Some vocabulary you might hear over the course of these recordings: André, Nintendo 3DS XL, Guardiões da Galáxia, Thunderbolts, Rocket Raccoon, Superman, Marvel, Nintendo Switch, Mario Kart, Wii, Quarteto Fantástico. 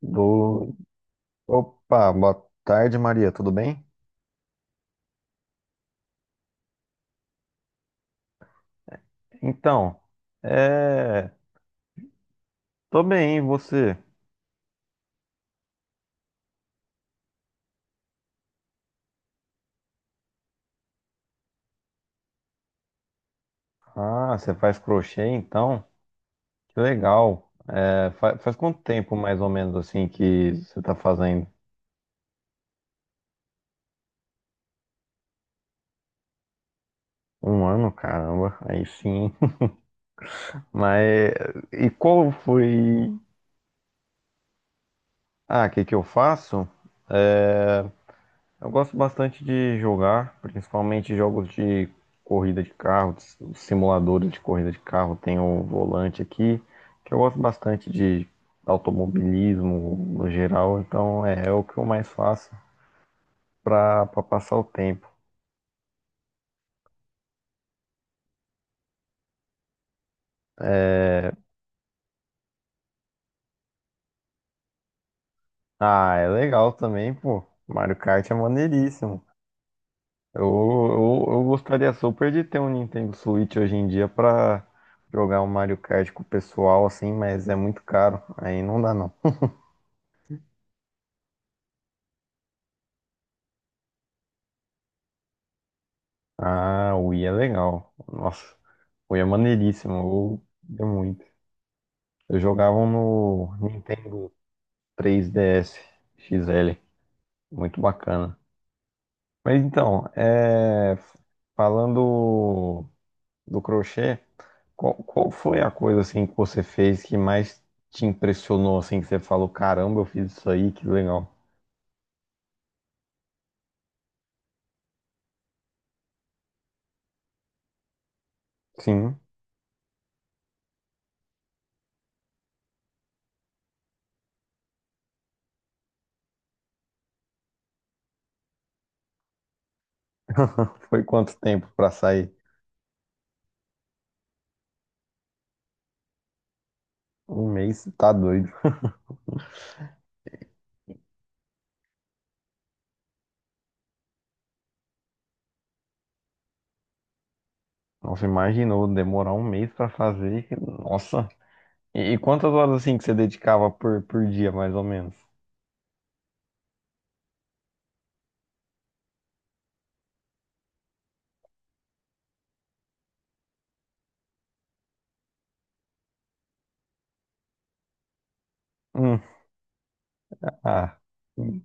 Do... Opa, boa tarde, Maria, tudo bem? Então, é... tô bem, e você? Ah, você faz crochê, então? Que legal. Faz quanto tempo, mais ou menos, assim, que você tá fazendo? Um ano, caramba, aí sim. Mas, e qual foi... Ah, o que que eu faço? É, Eu gosto bastante de jogar, principalmente jogos de corrida de carro, de simuladores de corrida de carro. Tem o volante aqui, que eu gosto bastante de automobilismo no geral, então é o que eu mais faço pra passar o tempo. É, Ah, é legal também, pô. Mario Kart é maneiríssimo. Eu gostaria super de ter um Nintendo Switch hoje em dia pra jogar um Mario Kart com o pessoal, assim, mas é muito caro. Aí não dá, não. Ah, o Wii é legal. Nossa, o Wii é maneiríssimo. Eu ia muito. Eu jogava no Nintendo 3DS XL. Muito bacana. Mas então, falando do crochê, qual foi a coisa assim que você fez que mais te impressionou, assim, que você falou, caramba, eu fiz isso aí, que legal. Sim, foi quanto tempo pra sair? Um mês, tá doido. Nossa, imaginou demorar um mês pra fazer. Nossa. E quantas horas assim que você dedicava por dia, mais ou menos? Hum, ah, hum,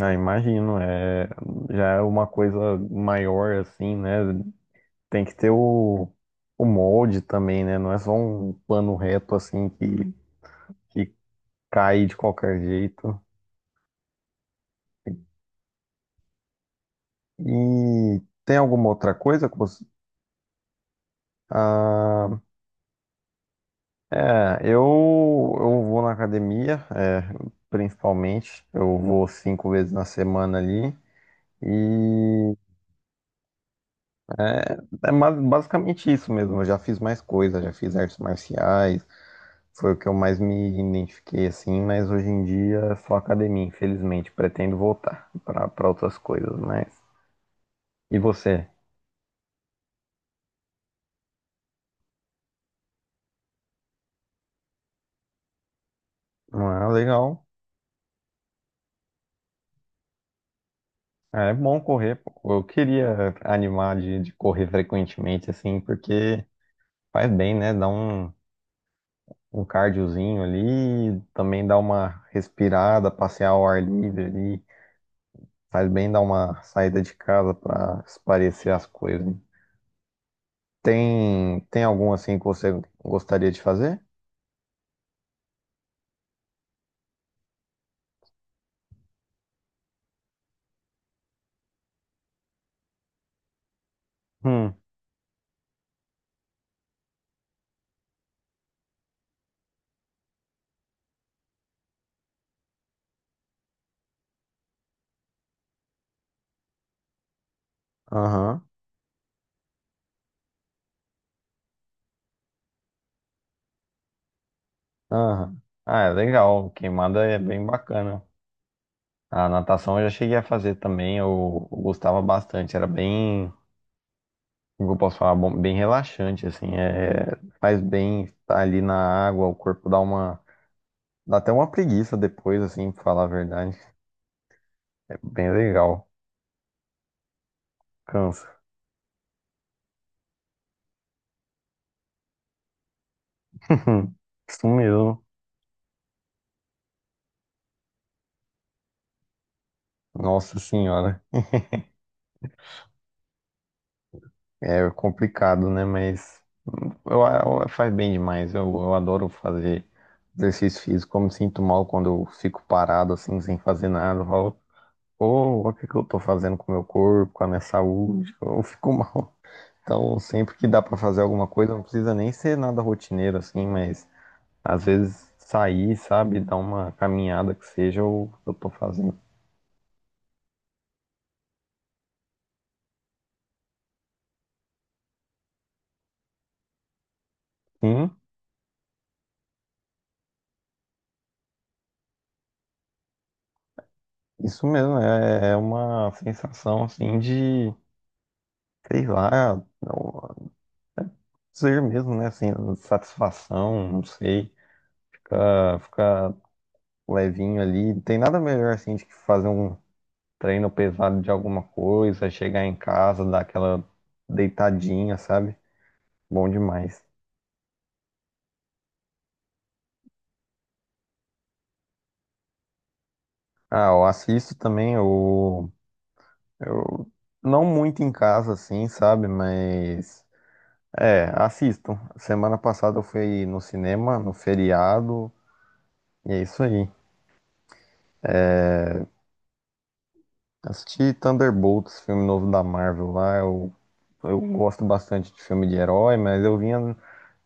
ah, imagino, já é uma coisa maior assim, né? Tem que ter o molde também, né? Não é só um plano reto assim que cai de qualquer jeito. E tem alguma outra coisa que você... Ah, é, eu, eu vou na academia, principalmente. Eu vou cinco vezes na semana ali. E É basicamente isso mesmo. Eu já fiz mais coisa, já fiz artes marciais, foi o que eu mais me identifiquei assim, mas hoje em dia é só academia, infelizmente. Pretendo voltar para outras coisas, mas. E você? Ah, legal. É bom correr, pô. Eu queria animar de correr frequentemente, assim, porque faz bem, né? Dá um cardiozinho ali, também dá uma respirada, passear ao ar livre ali. Faz bem dar uma saída de casa para espairecer as coisas, hein? Tem algum assim que você gostaria de fazer? Hum, aham, aham. Ah, é legal. Queimada é bem bacana. A natação eu já cheguei a fazer também. Eu gostava bastante. Era bem, como eu posso falar, bom, bem relaxante, assim. Faz bem estar ali na água, o corpo dá até uma preguiça depois, assim, pra falar a verdade. É bem legal. Cansa. Isso mesmo. Nossa senhora. É complicado, né? Mas eu, faz bem demais. Eu adoro fazer exercício físico. Eu me sinto mal quando eu fico parado, assim, sem fazer nada. Eu falo, pô, o que que eu tô fazendo com o meu corpo, com a minha saúde? Eu fico mal. Então, sempre que dá pra fazer alguma coisa, não precisa nem ser nada rotineiro, assim, mas às vezes sair, sabe? Dar uma caminhada que seja, eu tô fazendo. Sim, isso mesmo. É uma sensação, assim, de, sei lá. Ser mesmo, né? Assim, satisfação, não sei. Ficar levinho ali. Tem nada melhor assim de que fazer um treino pesado de alguma coisa, chegar em casa, dar aquela deitadinha, sabe? Bom demais. Ah, eu assisto também, eu não muito em casa, assim, sabe? Mas assisto. Semana passada eu fui no cinema, no feriado, e é isso aí. Assisti Thunderbolts, filme novo da Marvel lá. Eu gosto bastante de filme de herói, mas eu vinha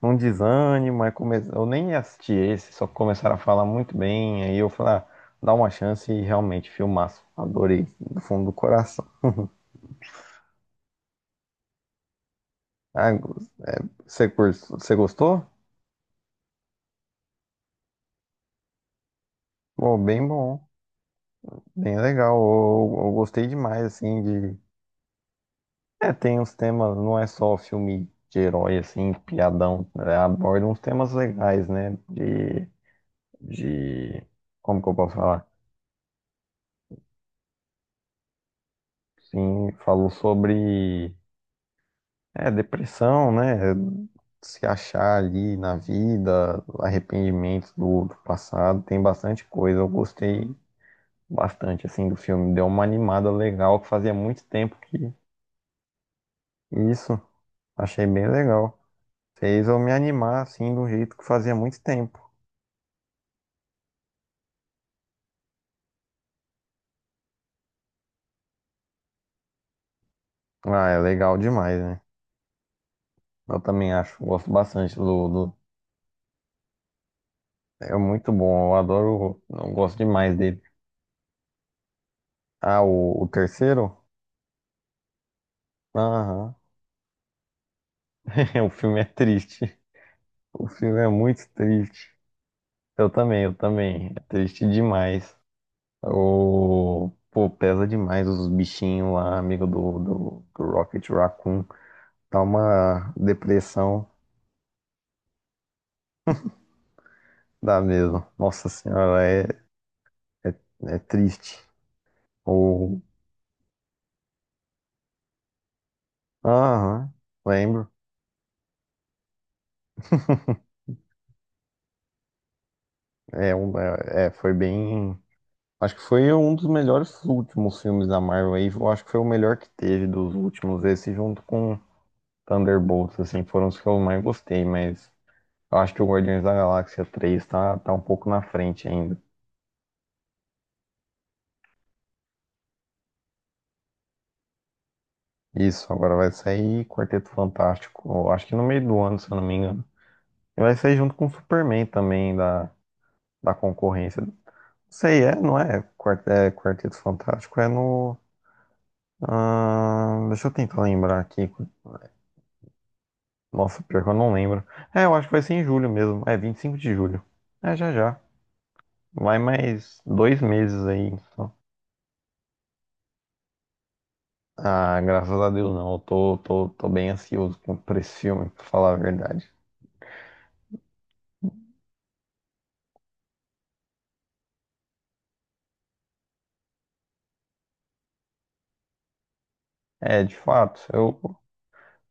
num desânimo, aí come... eu nem assisti esse, só que começaram a falar muito bem, aí eu falei, ah, dá uma chance e realmente, filmaço. Adorei, do fundo do coração. Ah, você gostou? Pô, bem bom, bem legal. Eu gostei demais, assim, de. É, tem uns temas, não é só filme de herói, assim, piadão, né? Aborda uns temas legais, né? De, de. Como que eu posso falar? Sim, falou sobre depressão, né? Se achar ali na vida, arrependimento do passado, tem bastante coisa. Eu gostei bastante, assim, do filme. Deu uma animada legal, que fazia muito tempo que isso. Achei bem legal. Fez eu me animar, assim, do jeito que fazia muito tempo. Ah, é legal demais, né? Eu também acho, gosto bastante do, do... É muito bom, eu adoro, eu gosto demais dele. Ah, o terceiro? Aham. O filme é triste. O filme é muito triste. Eu também, eu também. É triste demais. O... Pô, pesa demais os bichinhos lá, amigo do Rocket Raccoon. Dá uma depressão, dá mesmo. Nossa senhora, é, é triste. O... Aham, lembro. Foi bem. Acho que foi um dos melhores últimos filmes da Marvel aí. Eu acho que foi o melhor que teve dos últimos. Esse junto com Thunderbolts, assim, foram os que eu mais gostei, mas. Eu acho que o Guardiões da Galáxia 3 tá um pouco na frente ainda. Isso, agora vai sair Quarteto Fantástico, eu acho que no meio do ano, se eu não me engano. E vai sair junto com o Superman também, da concorrência. Não sei, não é? Quarteto Fantástico é no. Ah, deixa eu tentar lembrar aqui. Nossa, pior que eu não lembro. É, eu acho que vai ser em julho mesmo. É, 25 de julho. É, já já. Vai mais 2 meses aí, só. Ah, graças a Deus não. Eu tô bem ansioso por esse filme, pra falar a verdade. É, de fato, eu,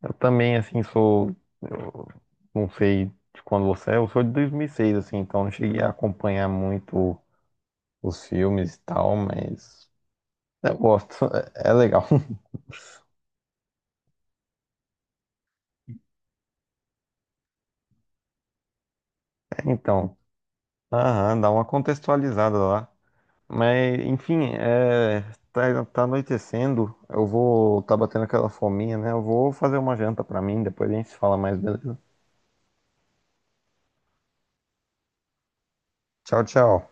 eu também, assim, sou. Eu não sei de quando você é, eu sou de 2006, assim, então não cheguei a acompanhar muito os filmes e tal, mas eu gosto, é legal. Então, aham, dá uma contextualizada lá. Mas, enfim, tá anoitecendo, eu vou. Tá batendo aquela fominha, né? Eu vou fazer uma janta pra mim, depois a gente se fala mais, beleza? Tchau, tchau.